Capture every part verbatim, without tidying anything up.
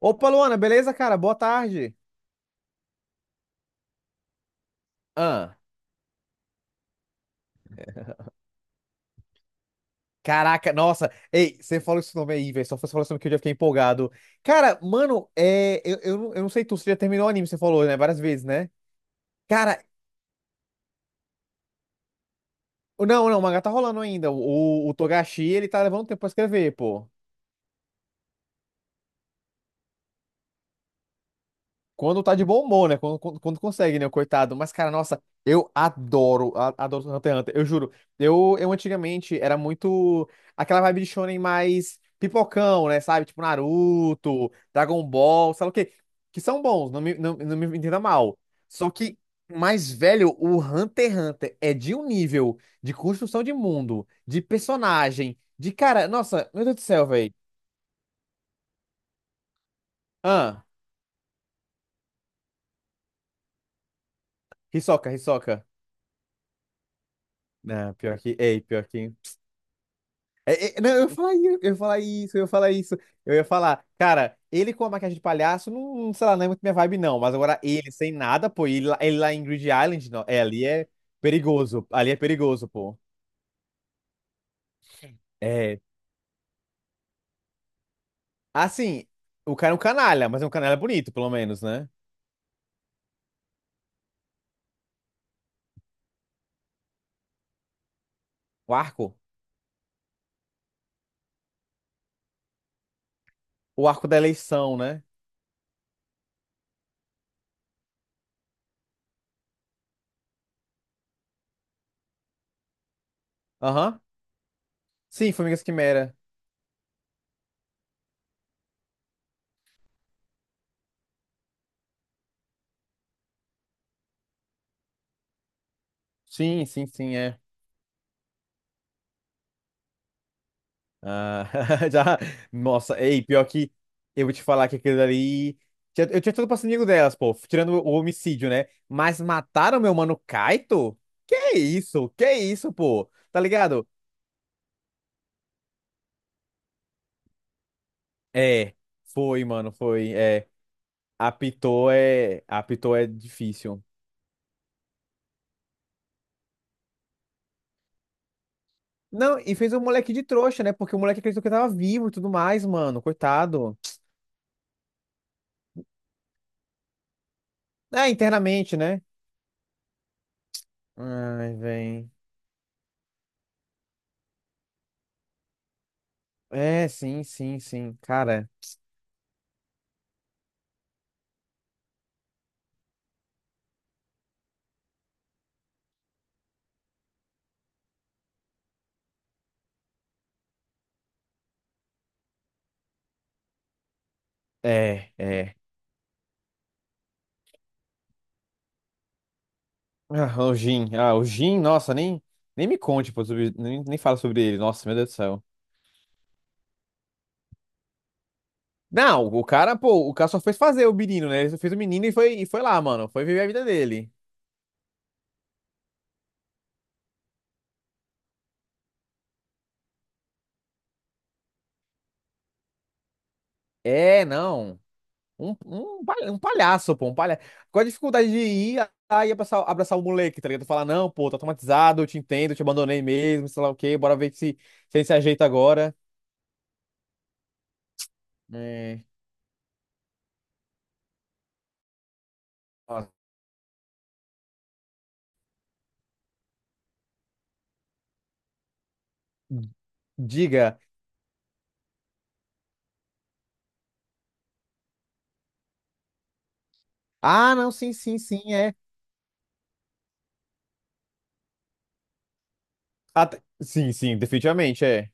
Opa, Luana, beleza, cara? Boa tarde. Ah, Caraca, nossa, ei, você falou esse nome aí, velho. Só você falou esse nome que eu já fiquei empolgado. Cara, mano, é, eu, eu, não eu não sei tu, você já terminou o anime, você falou, né? Várias vezes, né? Cara, não, não, o mangá tá rolando ainda. O, o Togashi, ele tá levando tempo pra escrever, pô. Quando tá de bom humor, né? Quando, quando, quando consegue, né? O coitado. Mas, cara, nossa, eu adoro, a- adoro Hunter x Hunter, eu juro. Eu, eu antigamente era muito aquela vibe de shonen mais pipocão, né? Sabe? Tipo Naruto, Dragon Ball, sabe o quê? Que são bons, não me, não, não me entenda mal. Só que, mais velho, o Hunter x Hunter é de um nível de construção de mundo, de personagem, de cara, nossa, meu Deus do céu, velho. Ah, Hisoka, Hisoka. Não, pior que, ei, pior que. É, é, não, eu ia falar isso, eu ia falar isso, eu ia falar isso. Eu ia falar, cara, ele com a maquiagem de palhaço, não, não- sei lá, não é muito minha vibe, não. Mas agora ele sem nada, pô, ele, lá- ele lá em Grid Island, não. É, ali é perigoso. Ali é perigoso, pô. É. Assim, o cara é um canalha, mas é um canalha bonito, pelo menos, né? O arco. O arco da eleição, né? Aham. Sim, Formigas Quimera. Sim, sim, sim, é. Ah, já. Nossa, ei, pior que eu vou te falar que aquilo ali. tinha- Eu tinha todo o passaninho delas, pô, tirando o homicídio, né? Mas mataram meu mano Kaito? Que isso? Que isso, pô? Tá ligado? É, foi, mano, foi. É, apitou é. Apitou é difícil. Não, e fez o moleque de trouxa, né? Porque o moleque acreditou que tava vivo e tudo mais, mano, coitado. É, internamente, né? Ai, vem. É, sim, sim, sim. Cara. É, é. Ah, o Jin. Ah, o Jin, nossa, nem, nem, me conte, pô, sobre, nem, nem fala sobre ele. Nossa, meu Deus do céu. Não, o cara, pô, o cara só fez fazer o menino, né? Ele só fez o menino e foi, e foi lá, mano. Foi viver a vida dele. É, não. Um, um, palha- um palhaço, pô, um palhaço. Qual a dificuldade de ir lá e abraçar, abraçar o moleque, tá ligado? Falar, não, pô, tá traumatizado, eu te entendo, eu te abandonei mesmo, sei lá o quê, bora ver se, se, ele se ajeita agora. É, ó, diga. Ah, não, sim, sim, sim, é. Até- Sim, sim, definitivamente, é.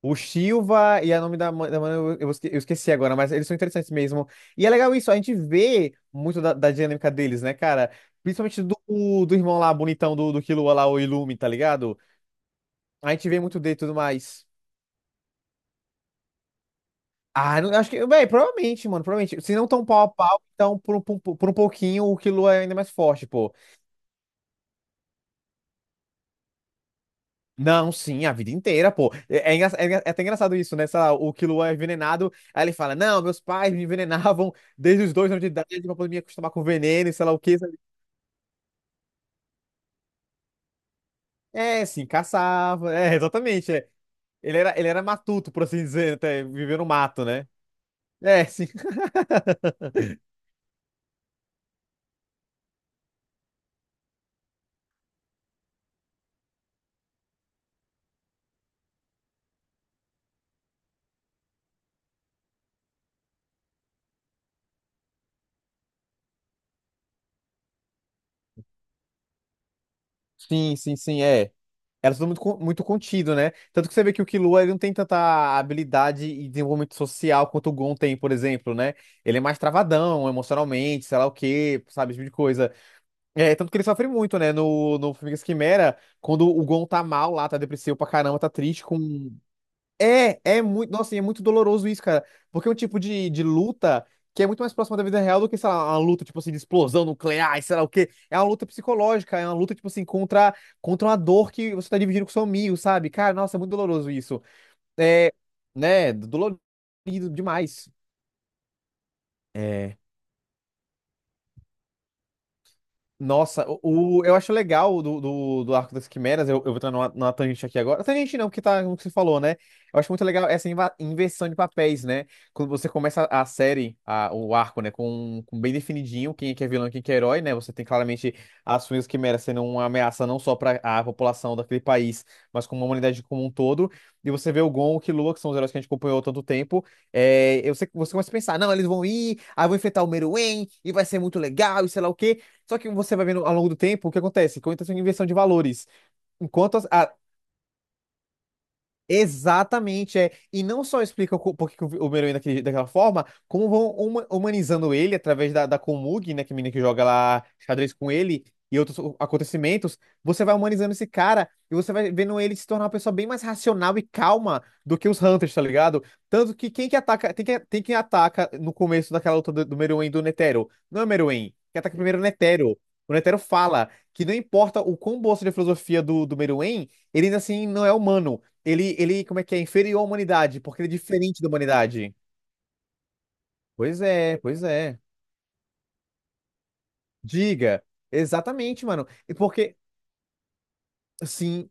O Silva e a nome da, ma- da mana, eu, eu esque- eu esqueci agora, mas eles são interessantes mesmo. E é legal isso, a gente vê muito da, da, dinâmica deles, né, cara? Principalmente do, do, irmão lá, bonitão do, do Killua lá, o Illumi, tá ligado? A gente vê muito dele e tudo mais. Ah, não, acho que, bem, provavelmente, mano, provavelmente. Se não tão pau a pau, então por, um- por, um- por um pouquinho o Killua é ainda mais forte, pô. Não, sim, a vida inteira, pô. É, é, engra- é engra- é até engraçado isso, né? Sei lá, o Killua é envenenado, aí ele fala: Não, meus pais me envenenavam desde os dois anos de idade pra poder me acostumar com veneno e sei lá o quê. Sabe? É, sim, caçava. É, exatamente. É. Ele era, ele era matuto, por assim dizer, até viver no mato, né? É, sim. Sim, sim, sim, é. Era tudo muito, con- muito contido, né? Tanto que você vê que o Killua ele não tem tanta habilidade e desenvolvimento social quanto o Gon tem, por exemplo, né? Ele é mais travadão emocionalmente, sei lá o quê, sabe, esse tipo de coisa. É, tanto que ele sofre muito, né? No, no Formigas Quimera, quando o Gon tá mal lá, tá depressivo pra caramba, tá triste com. É, é muito. Nossa, e é muito doloroso isso, cara. Porque é um tipo de, de luta que é muito mais próxima da vida real do que, sei lá, uma luta, tipo assim, de explosão nuclear, e sei lá o quê. É uma luta psicológica, é uma luta, tipo assim, contra, contra, uma dor que você tá dividindo com seu amigo, sabe? Cara, nossa, é muito doloroso isso. É, né? Dolorido demais. É. Nossa, o, o- eu acho legal do, do, do, Arco das Quimeras, eu, eu vou entrar numa, numa tangente aqui agora. Tangente não, porque tá no que você falou, né? Eu acho muito legal essa inva- inversão de papéis, né? Quando você começa a série, a- o arco, né, com, com bem definidinho quem é que é vilão e quem é que é herói, né? Você tem claramente as suas quimeras sendo uma ameaça não só para a população daquele país, mas como a humanidade como um todo. E você vê o Gon, o Killua, que são os heróis que a gente acompanhou há tanto tempo, é, eu sei, que você começa a pensar, não, eles vão ir, aí vão enfrentar o Meruem, e vai ser muito legal, e sei lá o quê. Só que você vai vendo ao longo do tempo o que acontece, com a intenção de inversão de valores. Enquanto as- a, Exatamente, é. E não só explica co- por que que o Homero é daquele- daquela forma, como vão huma- humanizando ele através da, da, Komug, né, que é a menina que joga lá xadrez com ele e outros o- acontecimentos. Você vai humanizando esse cara e você vai vendo ele se tornar uma pessoa bem mais racional e calma do que os Hunters, tá ligado? Tanto que quem que ataca, tem que, tem quem ataca no começo daquela luta do, do, Meruem e do Netero. Não é o Meruem, que ataca primeiro é o Netero. O Netero fala que não importa o quão boa seja a filosofia do, do Meruem, ele ainda assim não é humano. Ele, ele, como é que é? Inferior à humanidade, porque ele é diferente da humanidade. Pois é, pois é. Diga. Exatamente, mano. E porque, sim.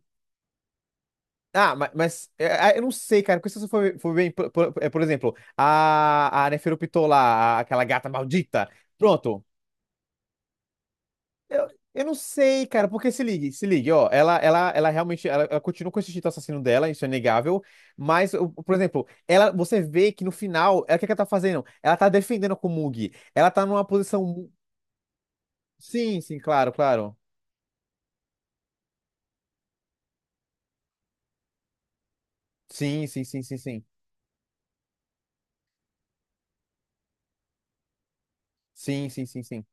Ah, ma- mas, é, é, eu não sei, cara. Porque se você for, for bem, por, por- é, por exemplo, a, a Neferupitô lá, a- aquela gata maldita. Pronto. Eu, eu não sei, cara. Porque se ligue, se ligue, ó. Ela, ela, ela realmente. Ela, ela continua com esse instinto assassino dela, isso é inegável. Mas, o- por exemplo, ela, você vê que no final, é o que que ela tá fazendo? Ela tá defendendo a Komugi. Ela tá numa posição. Sim, sim, claro, claro. Sim, sim, sim, sim, sim. Sim, sim, sim, sim.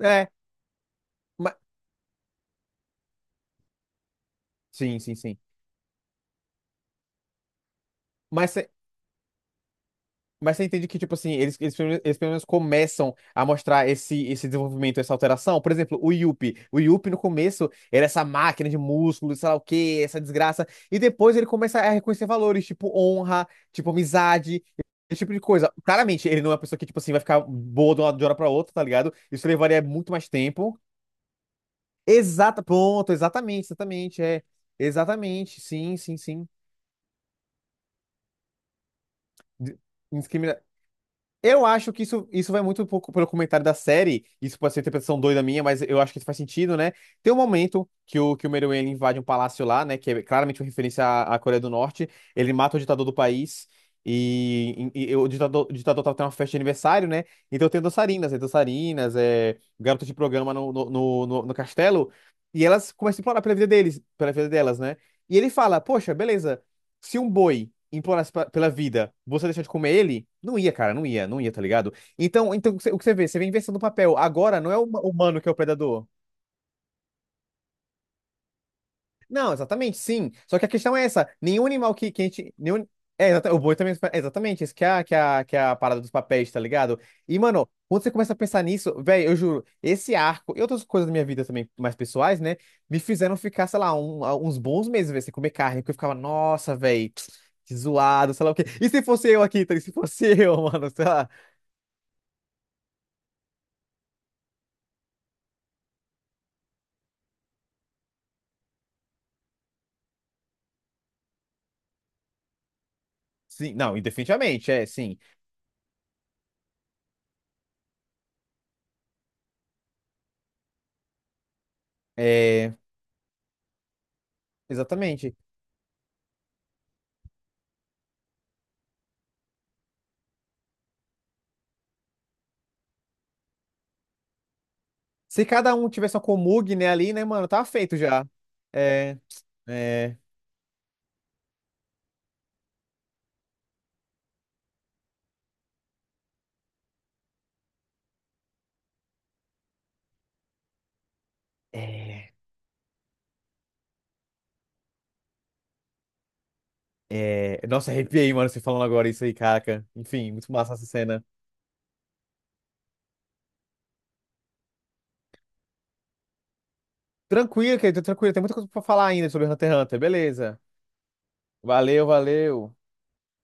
É, mas... Sim, sim, sim. Mas você mas você entende que, tipo assim, eles, eles, pelo menos eles pelo menos começam a mostrar esse, esse, desenvolvimento, essa alteração. Por exemplo, o Yuppie. O Yuppie, no começo, era essa máquina de músculos, sei lá o quê, essa desgraça. E depois ele começa a reconhecer valores, tipo honra, tipo amizade, esse tipo de coisa. Claramente, ele não é uma pessoa que, tipo assim, vai ficar boa de uma de uma hora pra outra, tá ligado? Isso levaria muito mais tempo. Exata, pronto, exatamente, exatamente, é. Exatamente, sim, sim, sim. D- indiscrimina- Eu acho que isso, isso vai muito pouco pelo comentário da série. Isso pode ser interpretação doida minha, mas eu acho que isso faz sentido, né? Tem um momento que o, que o, Meruem ele invade um palácio lá, né? Que é claramente uma referência à, à Coreia do Norte. Ele mata o ditador do país. E, e- e o ditador, o ditador tava tendo uma festa de aniversário, né? Então tem dançarinas, é dançarinas, é garotas de programa no, no, no, no- no castelo. E elas começam a implorar pela vida deles, pela vida delas, né? E ele fala, poxa, beleza se um boi implorasse pe- pela vida, você deixar de comer ele? Não ia, cara, não ia, não ia, tá ligado? Então, então o que você o que você vê? Você vê a inversão do papel. Agora não é o ma- humano que é o predador. Não, exatamente, sim. Só que a questão é essa: nenhum animal que, que a gente. Nenhum... É, exata- o boi também. É exatamente, isso que é, a- que é, a- que é a parada dos papéis, tá ligado? E, mano, quando você começa a pensar nisso, velho, eu juro, esse arco e outras coisas da minha vida também, mais pessoais, né? Me fizeram ficar, sei lá, um- uns bons meses, velho, sem comer carne, porque eu ficava, nossa, velho, que zoado, sei lá o quê. E se fosse eu aqui, tá? E se fosse eu, mano, sei lá. Sim, não, e definitivamente, é, sim. É, exatamente. Se cada um tivesse uma Komug, né, ali, né, mano, tá feito já. É. É. É. É. Nossa, arrepiei, mano, você falando agora isso aí, caraca. Enfim, muito massa essa cena. Tranquilo, querido, tranquilo. Tem muita coisa pra falar ainda sobre Hunter x Hunter. Beleza. Valeu, valeu.